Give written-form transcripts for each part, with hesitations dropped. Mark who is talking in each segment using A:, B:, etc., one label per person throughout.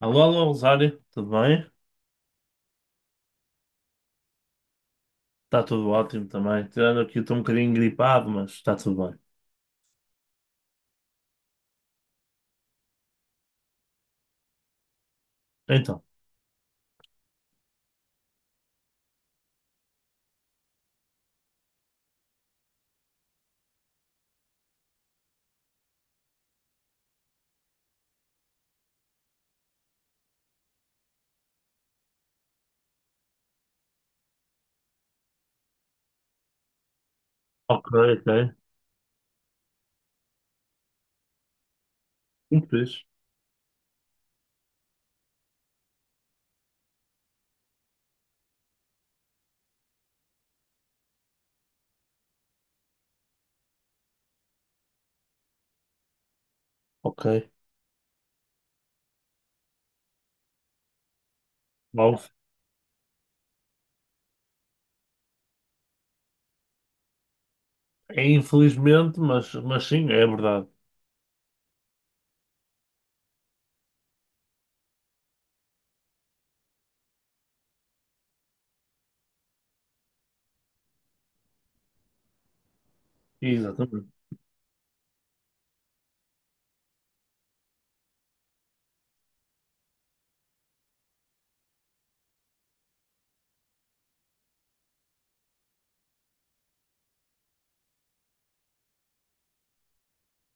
A: Alô, alô, Rosário, tudo bem? Está tudo ótimo também. Tirando aqui, estou um bocadinho gripado, mas está tudo bem. Então, ok, ok. Muito fixe. Ok. Bom, é infelizmente, mas sim, é verdade. Exatamente.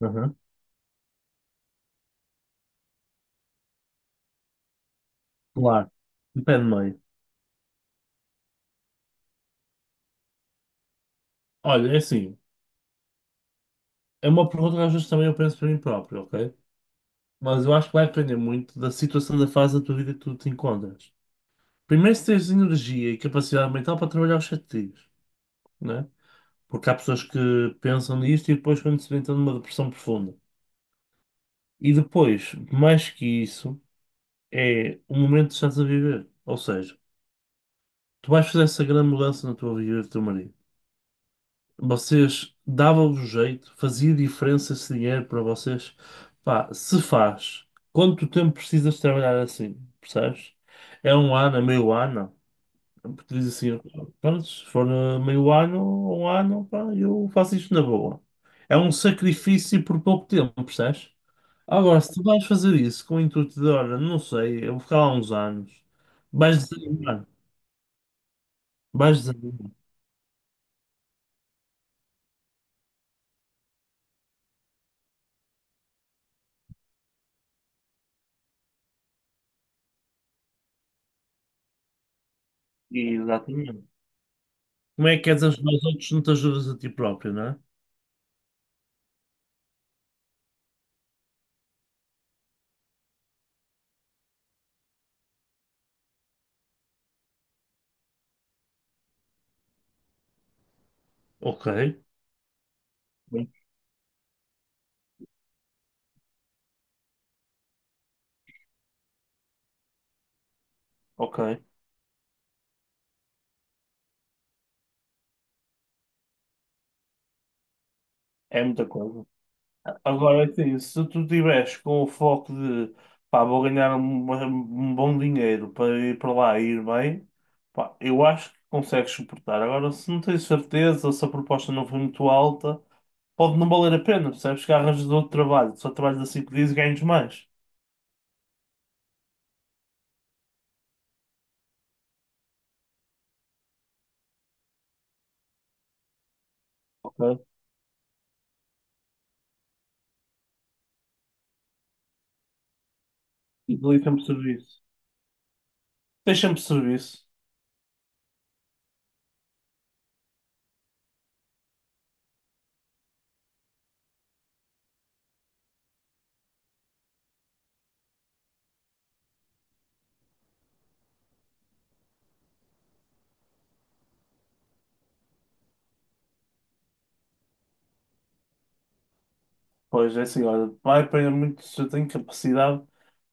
A: Uhum. Claro. Depende meio. Olha, é assim, é uma pergunta que às vezes também eu penso para mim próprio, ok? Mas eu acho que vai depender muito da situação da fase da tua vida que tu te encontras. Primeiro, se tens energia e capacidade mental para trabalhar os sete dias, né? Porque há pessoas que pensam nisto e depois quando se vê estão numa depressão profunda. E depois, mais que isso, é o momento que estás a viver. Ou seja, tu vais fazer essa grande mudança na tua vida e do teu marido. Vocês davam-vos jeito, fazia diferença esse dinheiro para vocês. Pá, se faz, quanto tempo precisas trabalhar assim? Percebes? É um ano, é meio ano? Porque diz assim, pronto, se for meio ano ou um ano, pá, eu faço isto na boa. É um sacrifício por pouco tempo, percebes? Agora, se tu vais fazer isso com o intuito de, olha, não sei, eu vou ficar lá uns anos, vais desanimar, vais desanimar. Exatamente. Como é que queres ajudar os outros se não te ajudas a ti próprio, não é? Ok. Bem, ok. É muita coisa. Agora sim, se tu tiveres com o foco de pá, vou ganhar um bom dinheiro para ir para lá e ir bem, pá, eu acho que consegues suportar. Agora, se não tens certeza, ou se a proposta não foi muito alta, pode não valer a pena, percebes? Que arranjas outro trabalho, só trabalhas assim que dias e ganhas mais. Ok? E dali sempre serviço. Tens sempre serviço. Pois é assim, olha, vai apanhar muito se eu tenho capacidade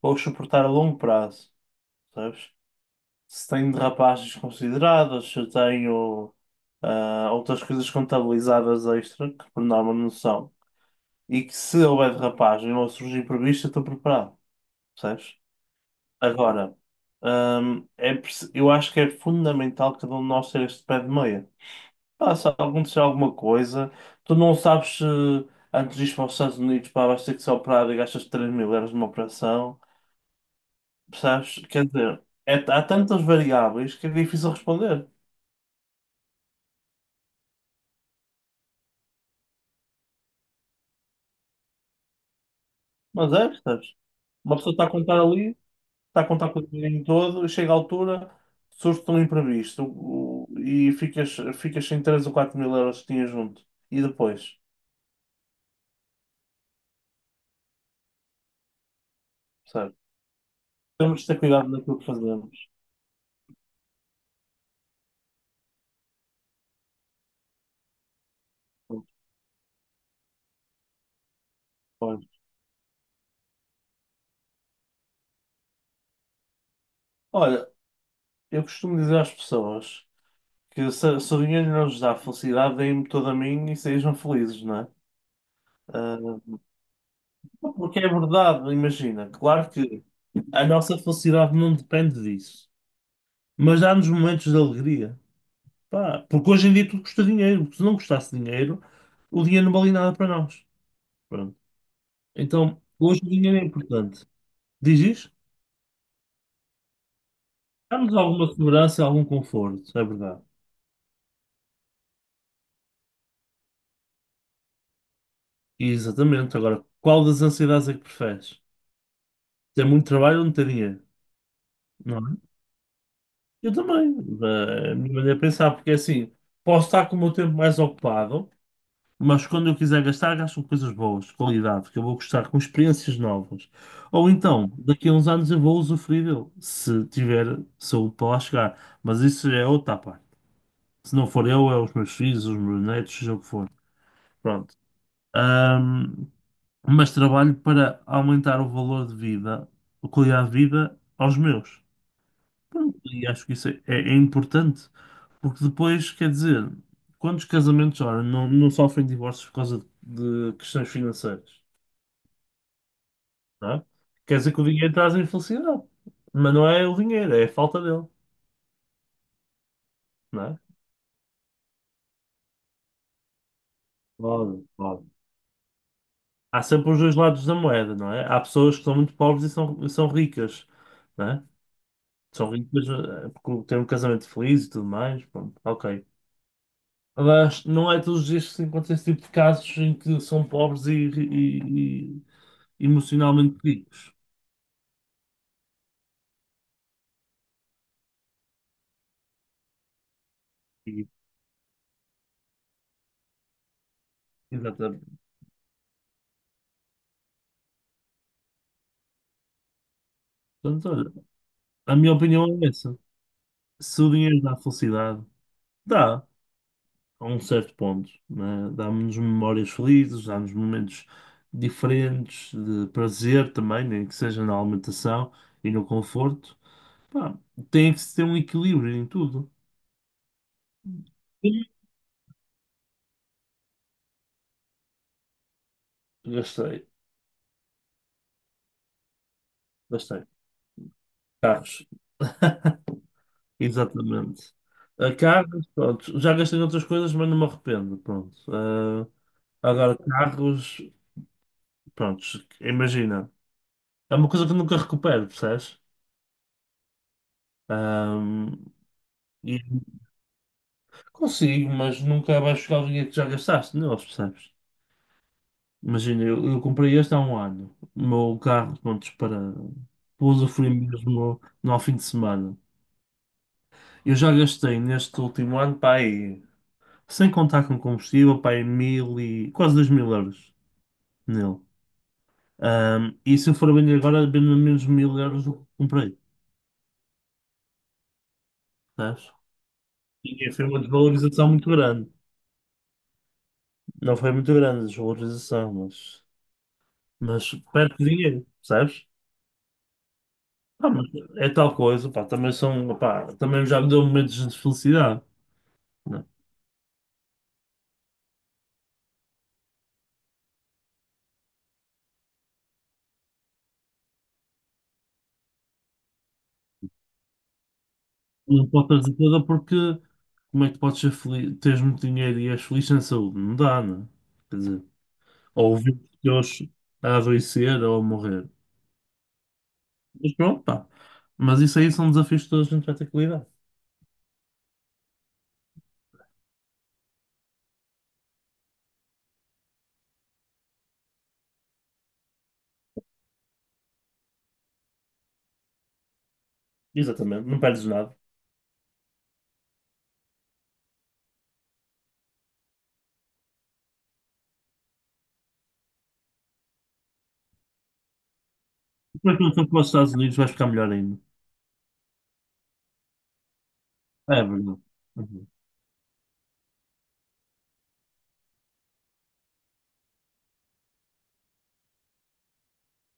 A: para o suportar a longo prazo, sabes se tenho derrapagens consideradas, se eu tenho outras coisas contabilizadas extra, que por norma não são, e que se houver derrapagem ou surgir imprevisto, eu estou preparado, percebes? Agora, eu acho que é fundamental cada um de nós ter este pé de meia. Pá, se acontecer alguma coisa, tu não sabes se antes de ir para os Estados Unidos, pá, vais ter que ser operado e gastas 3000 euros numa operação, percebes? Quer dizer, há tantas variáveis que é difícil responder. Mas é, percebes? Uma pessoa está a contar ali, está a contar com o dinheiro todo, e chega à altura, surge um imprevisto e ficas sem 3000 ou 4000 euros que tinhas junto. E depois, percebes? Temos de ter cuidado naquilo que fazemos. Pois. Olha, eu costumo dizer às pessoas que se o dinheiro não lhes dá felicidade, deem-me todo a mim e sejam felizes, não é? Ah, porque é verdade, imagina. Claro que a nossa felicidade não depende disso, mas dá-nos momentos de alegria. Pá, porque hoje em dia tudo custa dinheiro, porque se não custasse dinheiro, o dinheiro não valia nada para nós. Pronto. Então, hoje o dinheiro é importante. Diz isto? Dá-nos alguma segurança, e algum conforto, é verdade. Exatamente. Agora, qual das ansiedades é que preferes? Ter muito trabalho ou não ter dinheiro? Não é? Eu também. A minha maneira de pensar, porque é assim, posso estar com o meu tempo mais ocupado, mas quando eu quiser gastar, gasto com coisas boas, de qualidade, que eu vou gostar, com experiências novas. Ou então, daqui a uns anos eu vou usufruir dele, se tiver saúde para lá chegar. Mas isso é outra parte. Se não for eu, é os meus filhos, os meus netos, seja o que for. Pronto. Ahm, mas trabalho para aumentar o valor de vida, a qualidade de vida aos meus. Pronto, e acho que é importante, porque depois, quer dizer, quantos casamentos, ora, não, não sofrem divórcios por causa de questões financeiras, não é? Quer dizer que o dinheiro traz a infelicidade, mas não é o dinheiro, é a falta dele, não é? Claro, claro. Há sempre os dois lados da moeda, não é? Há pessoas que são muito pobres e são ricas, não é? São ricas porque têm um casamento feliz e tudo mais, pronto, ok. Mas não é todos os dias que se encontra esse tipo de casos em que são pobres e emocionalmente ricos. E, exatamente. Portanto, olha, a minha opinião é essa. Se o dinheiro dá felicidade, dá, a um certo ponto, né? Dá-nos memórias felizes, dá-nos momentos diferentes de prazer também, nem que seja na alimentação e no conforto. Pá, tem que se ter um equilíbrio em tudo. E Gastei, gastei. Carros, exatamente. A carros, pronto, já gastei outras coisas, mas não me arrependo, pronto. Ah, agora, carros. Prontos, imagina. É uma coisa que eu nunca recupero, percebes? Ahm, e consigo, mas nunca vais chegar ao dinheiro que já gastaste neles, percebes? Imagina, eu comprei este há um ano. O meu carro, prontos, para usufruir mesmo no, ao fim de semana. Eu já gastei neste último ano, pá, aí, sem contar com combustível, pá, aí 1000 e quase 2000 euros nele. E se eu for vender agora, vendo menos 1000 euros do que comprei, percebes? E foi uma desvalorização muito grande. Não foi muito grande a desvalorização, mas perto de dinheiro, percebes? Pá, mas é tal coisa, pá, também são, pá, também já me deu momentos de felicidade. Não, não pode trazer toda porque como é que tu podes ser feliz, teres muito dinheiro e és feliz sem saúde? Não dá, não é? Quer dizer, ou ver os teus a adoecer ou a morrer. Mas pronto, pá. Mas isso aí são desafios que toda a gente vai ter que lidar. Exatamente, não perdes nada. Depois quando for para os Estados Unidos vais ficar melhor ainda. É verdade. Uhum.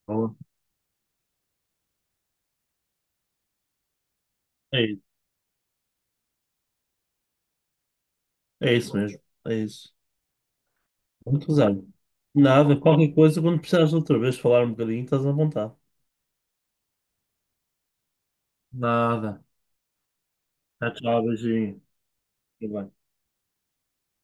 A: Boa. É é isso mesmo, é isso. Muito usado. Nada, qualquer coisa, quando precisares outra vez falar um bocadinho, estás à vontade. Nada. Tchau, tchau, beijinho. Fica bem.